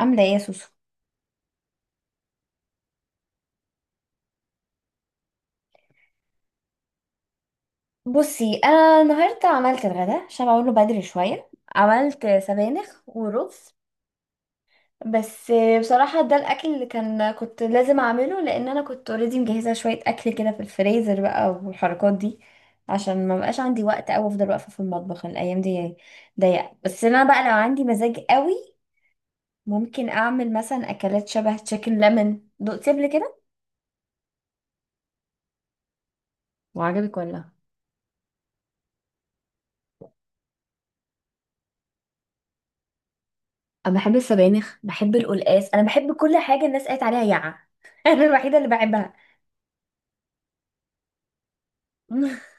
عاملة ايه يا سوسو؟ بصي، انا النهاردة عملت الغداء عشان اقوله بدري شوية. عملت سبانخ ورز بس. بصراحة ده الاكل اللي كنت لازم اعمله لان انا كنت اوريدي مجهزة شوية اكل كده في الفريزر بقى والحركات دي، عشان ما بقاش عندي وقت او افضل واقفة في المطبخ. الايام دي ضيقة، بس انا بقى لو عندي مزاج قوي ممكن اعمل مثلا اكلات شبه تشيكن ليمون. دقتي قبل كده؟ وعجبك ولا؟ انا بحب السبانخ، بحب القلقاس، انا بحب كل حاجه الناس قالت عليها يعة. انا الوحيده اللي بحبها.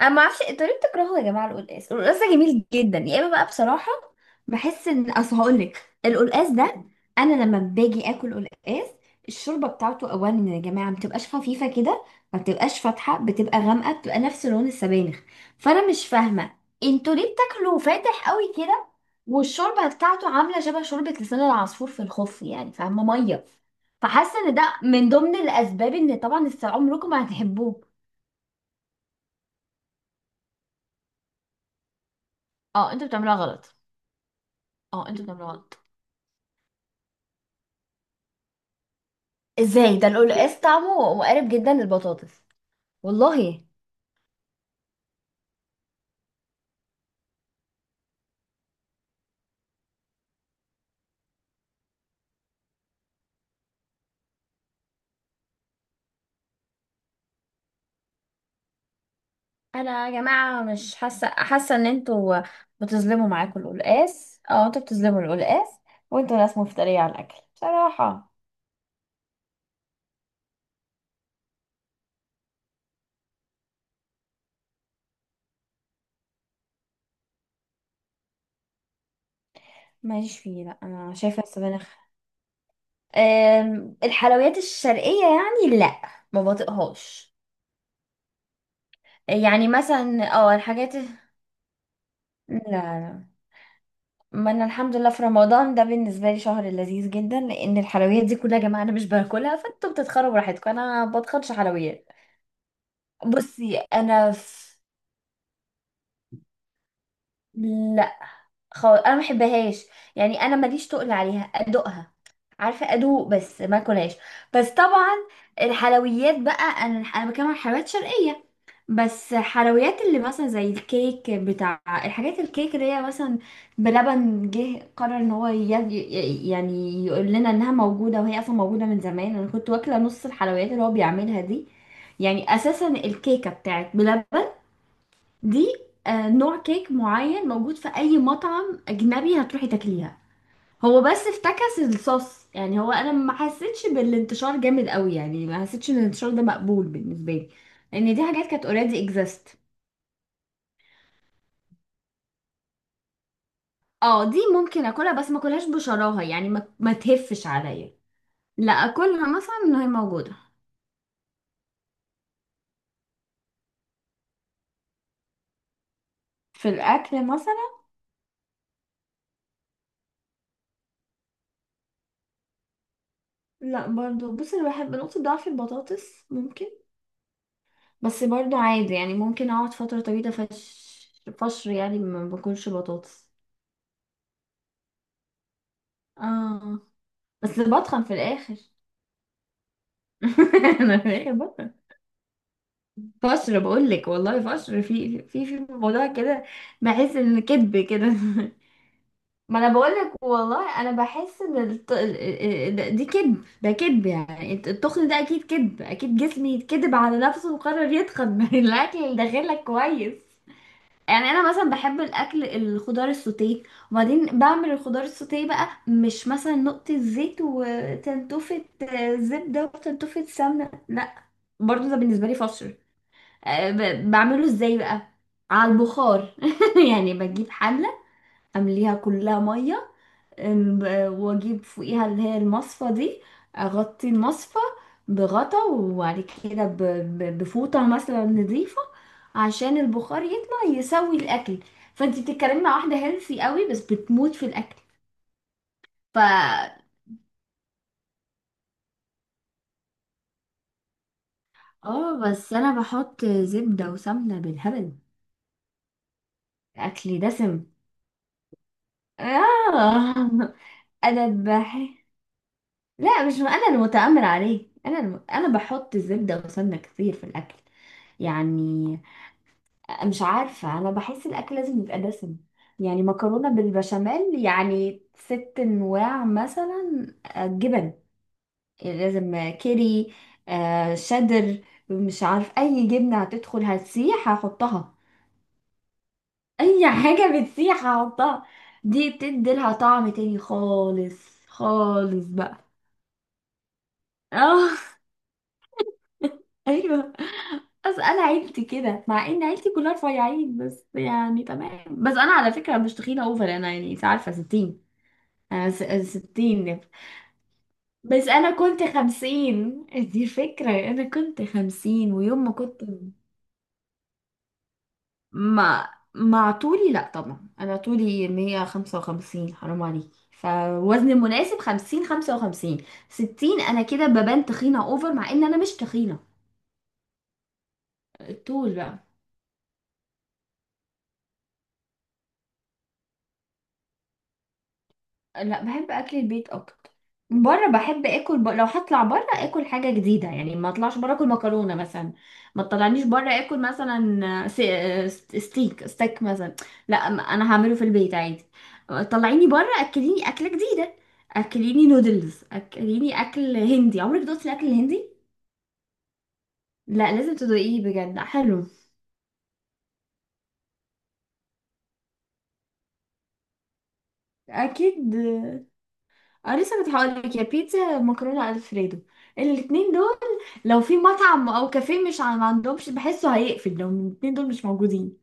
انا ما اعرفش انتوا ليه بتكرهوا يا جماعه القلقاس. القلقاس ده جميل جدا يا اما بقى بصراحه. بحس ان، اصل هقول لك، القلقاس ده، انا لما باجي اكل قلقاس الشوربه بتاعته اولا يا جماعه ما بتبقاش خفيفه كده، ما بتبقاش فاتحه، بتبقى غامقه، بتبقى نفس لون السبانخ. فانا مش فاهمه انتوا ليه بتاكلوا فاتح قوي كده، والشوربه بتاعته عامله شبه شوربه لسان العصفور في الخف، يعني فاهمه ميه. فحاسه ان ده من ضمن الاسباب ان طبعا عمركم ما هتحبوه. اه، انتوا بتعملوها غلط. اه، انتوا بتعملوه غلط. ازاي؟ ده القلقاس طعمه مقارب جدا للبطاطس. والله، انا يا جماعه مش حاسه ان انتوا بتظلموا، معاكم القلقاس، اه انتوا بتظلموا القلقاس، وانتوا ناس مفتريه على الاكل بصراحه. ماليش فيه، لا انا شايفه السبانخ. الحلويات الشرقيه يعني لا، ما بطيقهاش. يعني مثلا الحاجات، لا. لا، ما انا الحمد لله في رمضان ده بالنسبه لي شهر لذيذ جدا لان الحلويات دي كلها يا جماعه انا مش باكلها. فانتوا بتتخربوا براحتكم، انا ما بتخنش حلويات. بصي انا في... لا، خالص انا ما بحبهاش. يعني انا ماليش تقل عليها، ادوقها، عارفه ادوق بس ما اكلهاش. بس طبعا الحلويات بقى انا بتكلم عن حلويات شرقيه. بس حلويات اللي مثلا زي الكيك بتاع الحاجات، الكيك اللي هي مثلا بلبن جه قرر ان هو يعني يقول لنا انها موجودة، وهي اصلا موجودة من زمان. انا كنت واكلة نص الحلويات اللي هو بيعملها دي. يعني اساسا الكيكة بتاعت بلبن دي نوع كيك معين موجود في اي مطعم اجنبي هتروحي تاكليها. هو بس افتكس الصوص. يعني هو انا ما حسيتش بالانتشار جامد قوي، يعني ما حسيتش ان الانتشار ده مقبول بالنسبة لي، لان دي حاجات كانت اوريدي اكزيست. اه، دي ممكن اكلها بس ما اكلهاش بشراهة، يعني ما تهفش عليا. لا، اكلها مثلا ان هي موجودة في الاكل مثلا. لا برضو، بص، انا بحب نقطة ضعف البطاطس ممكن. بس برضو عادي، يعني ممكن اقعد فترة طويلة، فشر يعني ما باكلش بطاطس. اه، بس بتخن في الاخر. انا في الاخر بتخن. فشر، بقول لك والله، فشر في موضوع كده. بحس ان كدب كده. ما انا بقولك والله، انا بحس ان الت... ال- ال- ال- دي كذب، ده كذب، يعني التخن ده اكيد كذب، اكيد جسمي يتكذب على نفسه وقرر يتخن من الاكل اللي داخلك كويس. يعني انا مثلا بحب الاكل الخضار السوتيه. وبعدين بعمل الخضار السوتيه بقى مش مثلا نقطة زيت وتنتوفة، زبدة وتنتوفة سمنة، لا. برضو ده بالنسبة لي فشل. بعمله ازاي بقى؟ على البخار. يعني بجيب حلة، امليها كلها مية، واجيب فوقيها اللي هي المصفى دي، اغطي المصفى بغطا، وبعد كده بفوطة مثلا نظيفة عشان البخار يطلع يسوي الاكل. فانت بتتكلمي مع واحدة هيلثي قوي بس بتموت في الاكل. ف اه بس انا بحط زبدة وسمنة بالهبل، اكلي دسم. آه انا بح لا، مش انا المتآمر عليه. انا بحط زبدة وسمنة كتير في الاكل. يعني، مش عارفة، أنا بحس الأكل لازم يبقى دسم. يعني مكرونة بالبشاميل، يعني ست أنواع مثلا، جبن، يعني لازم، كيري، شدر، مش عارف أي جبنة هتدخل هتسيح هحطها. أي حاجة بتسيح هحطها، دي بتديلها طعم تاني خالص خالص بقى. اه، ايوه. بس انا عيلتي كده، مع ان عيلتي كلها رفيعين بس يعني تمام، بس انا على فكره مش تخينه اوفر، انا يعني انت عارفه 60. انا ستين. بس انا كنت خمسين، دي الفكرة. انا كنت خمسين، ويوم ما كنت مع طولي، لا طبعا انا طولي مية خمسة وخمسين، حرام عليكي. فوزن مناسب خمسين، خمسة وخمسين. ستين انا كده ببان تخينة اوفر مع ان انا مش تخينة. الطول بقى. لا، بحب اكل البيت اكتر. بره بحب اكل، لو هطلع بره اكل حاجه جديده، يعني ما اطلعش بره اكل مكرونه مثلا. ما تطلعنيش بره اكل مثلا ستيك ستيك مثلا. لا، انا هعمله في البيت عادي. طلعيني بره، اكليني اكله جديده، اكليني نودلز، اكليني اكل هندي. عمرك دوقتي الاكل الهندي؟ لا، لازم تدوقيه، بجد حلو. اكيد. اه، لسه كنت هقولك، يا بيتزا مكرونه الفريدو، الاتنين دول. لو في مطعم او كافيه مش ما عندهمش، بحسه هيقفل لو الاتنين دول مش موجودين.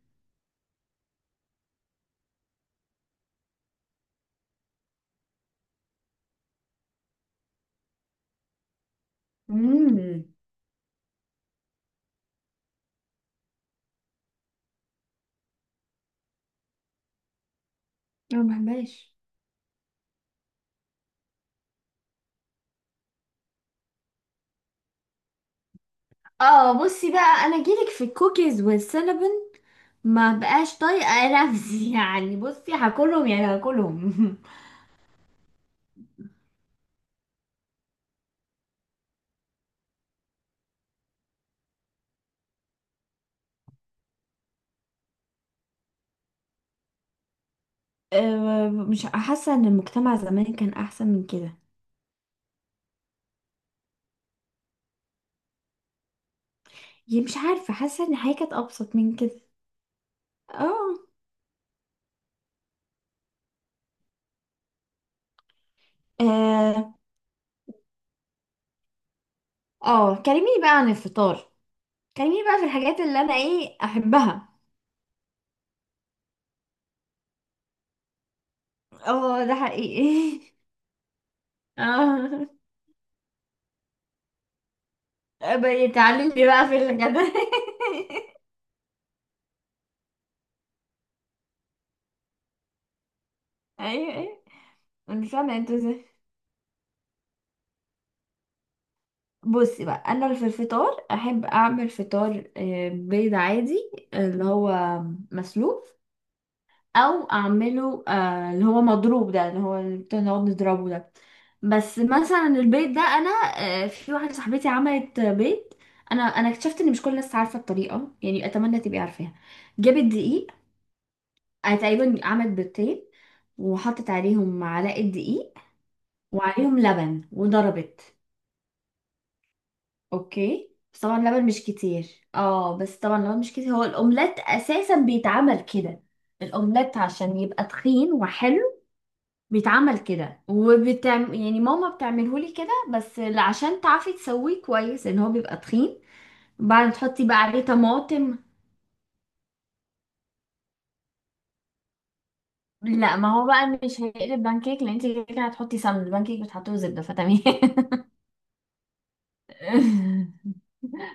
امم. انا ما بحبهاش. اه، بصي بقى انا جيلك في الكوكيز والسينابون، ما بقاش طايقه نفسي. يعني بصي هاكلهم، يعني هاكلهم. مش حاسه ان المجتمع زمان كان احسن من كده؟ يعني مش عارفه، حاسه ان الحياه كانت ابسط من كده. اه. اه. كلميني بقى عن الفطار، خليني بقى في الحاجات اللي انا ايه احبها. اه ده حقيقي. اه، بقى تعلمني بقى في الغدا. ايوه، ايوه. مش فاهمه انت ازاي. بصي بقى انا في الفطار احب اعمل فطار، بيض عادي اللي هو مسلوق، او اعمله اللي هو مضروب، ده اللي هو اللي بنقعد نضربه ده. بس مثلا البيض ده انا، في واحده صاحبتي عملت بيض، انا اكتشفت ان مش كل الناس عارفه الطريقه، يعني اتمنى تبقي عارفاها. جابت دقيق، تقريبا عملت بيضتين، وحطت عليهم معلقه دقيق وعليهم لبن وضربت. اوكي، بس طبعا لبن مش كتير. اه، بس طبعا لبن مش كتير. هو الاومليت اساسا بيتعمل كده. الاومليت عشان يبقى تخين وحلو بيتعمل كده، يعني ماما بتعمله لي كده، بس عشان تعرفي تسويه كويس ان هو بيبقى تخين، بعد تحطي بقى عليه طماطم. لا، ما هو بقى مش هيقلب بانكيك، لان انت كده كده هتحطي سمن البانكيك، بتحطيه زبده، فتمام.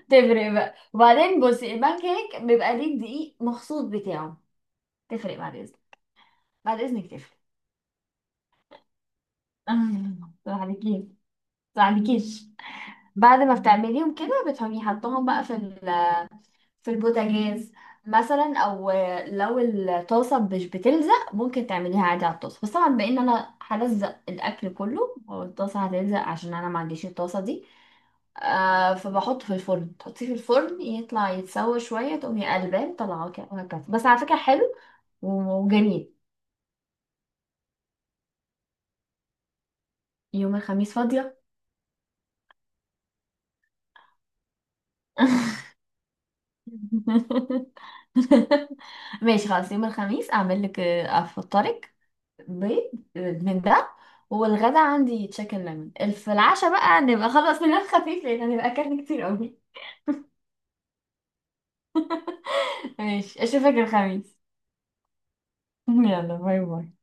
تفرق بقى. وبعدين بصي البانكيك بيبقى ليه الدقيق مخصوص بتاعه. تفرق، بعد اذنك. بعد اذنك تفرق. صح عليكي، صح عليكيش. بعد ما بتعمليهم كده بتقومي حطهم بقى في البوتاجاز مثلا. او لو الطاسه مش بتلزق ممكن تعمليها عادي على الطاسه، بس طبعا بما ان انا هلزق الاكل كله والطاسه هتلزق عشان انا ما عنديش الطاسه دي. فبحط في الفرن، تحطيه في الفرن يطلع يتسوى شويه، تقومي قلبان طلعه كده وهكذا. بس على فكره حلو وجميل. يوم الخميس فاضيه. ماشي خلاص، يوم الخميس اعمل لك، افطرك بيض من ده. والغدا عندي تشيكن ليمون. في العشاء بقى نبقى خلاص ننام خفيف لان هنبقى اكلنا كتير قوي. ماشي، اشوفك الخميس. يلا، باي باي.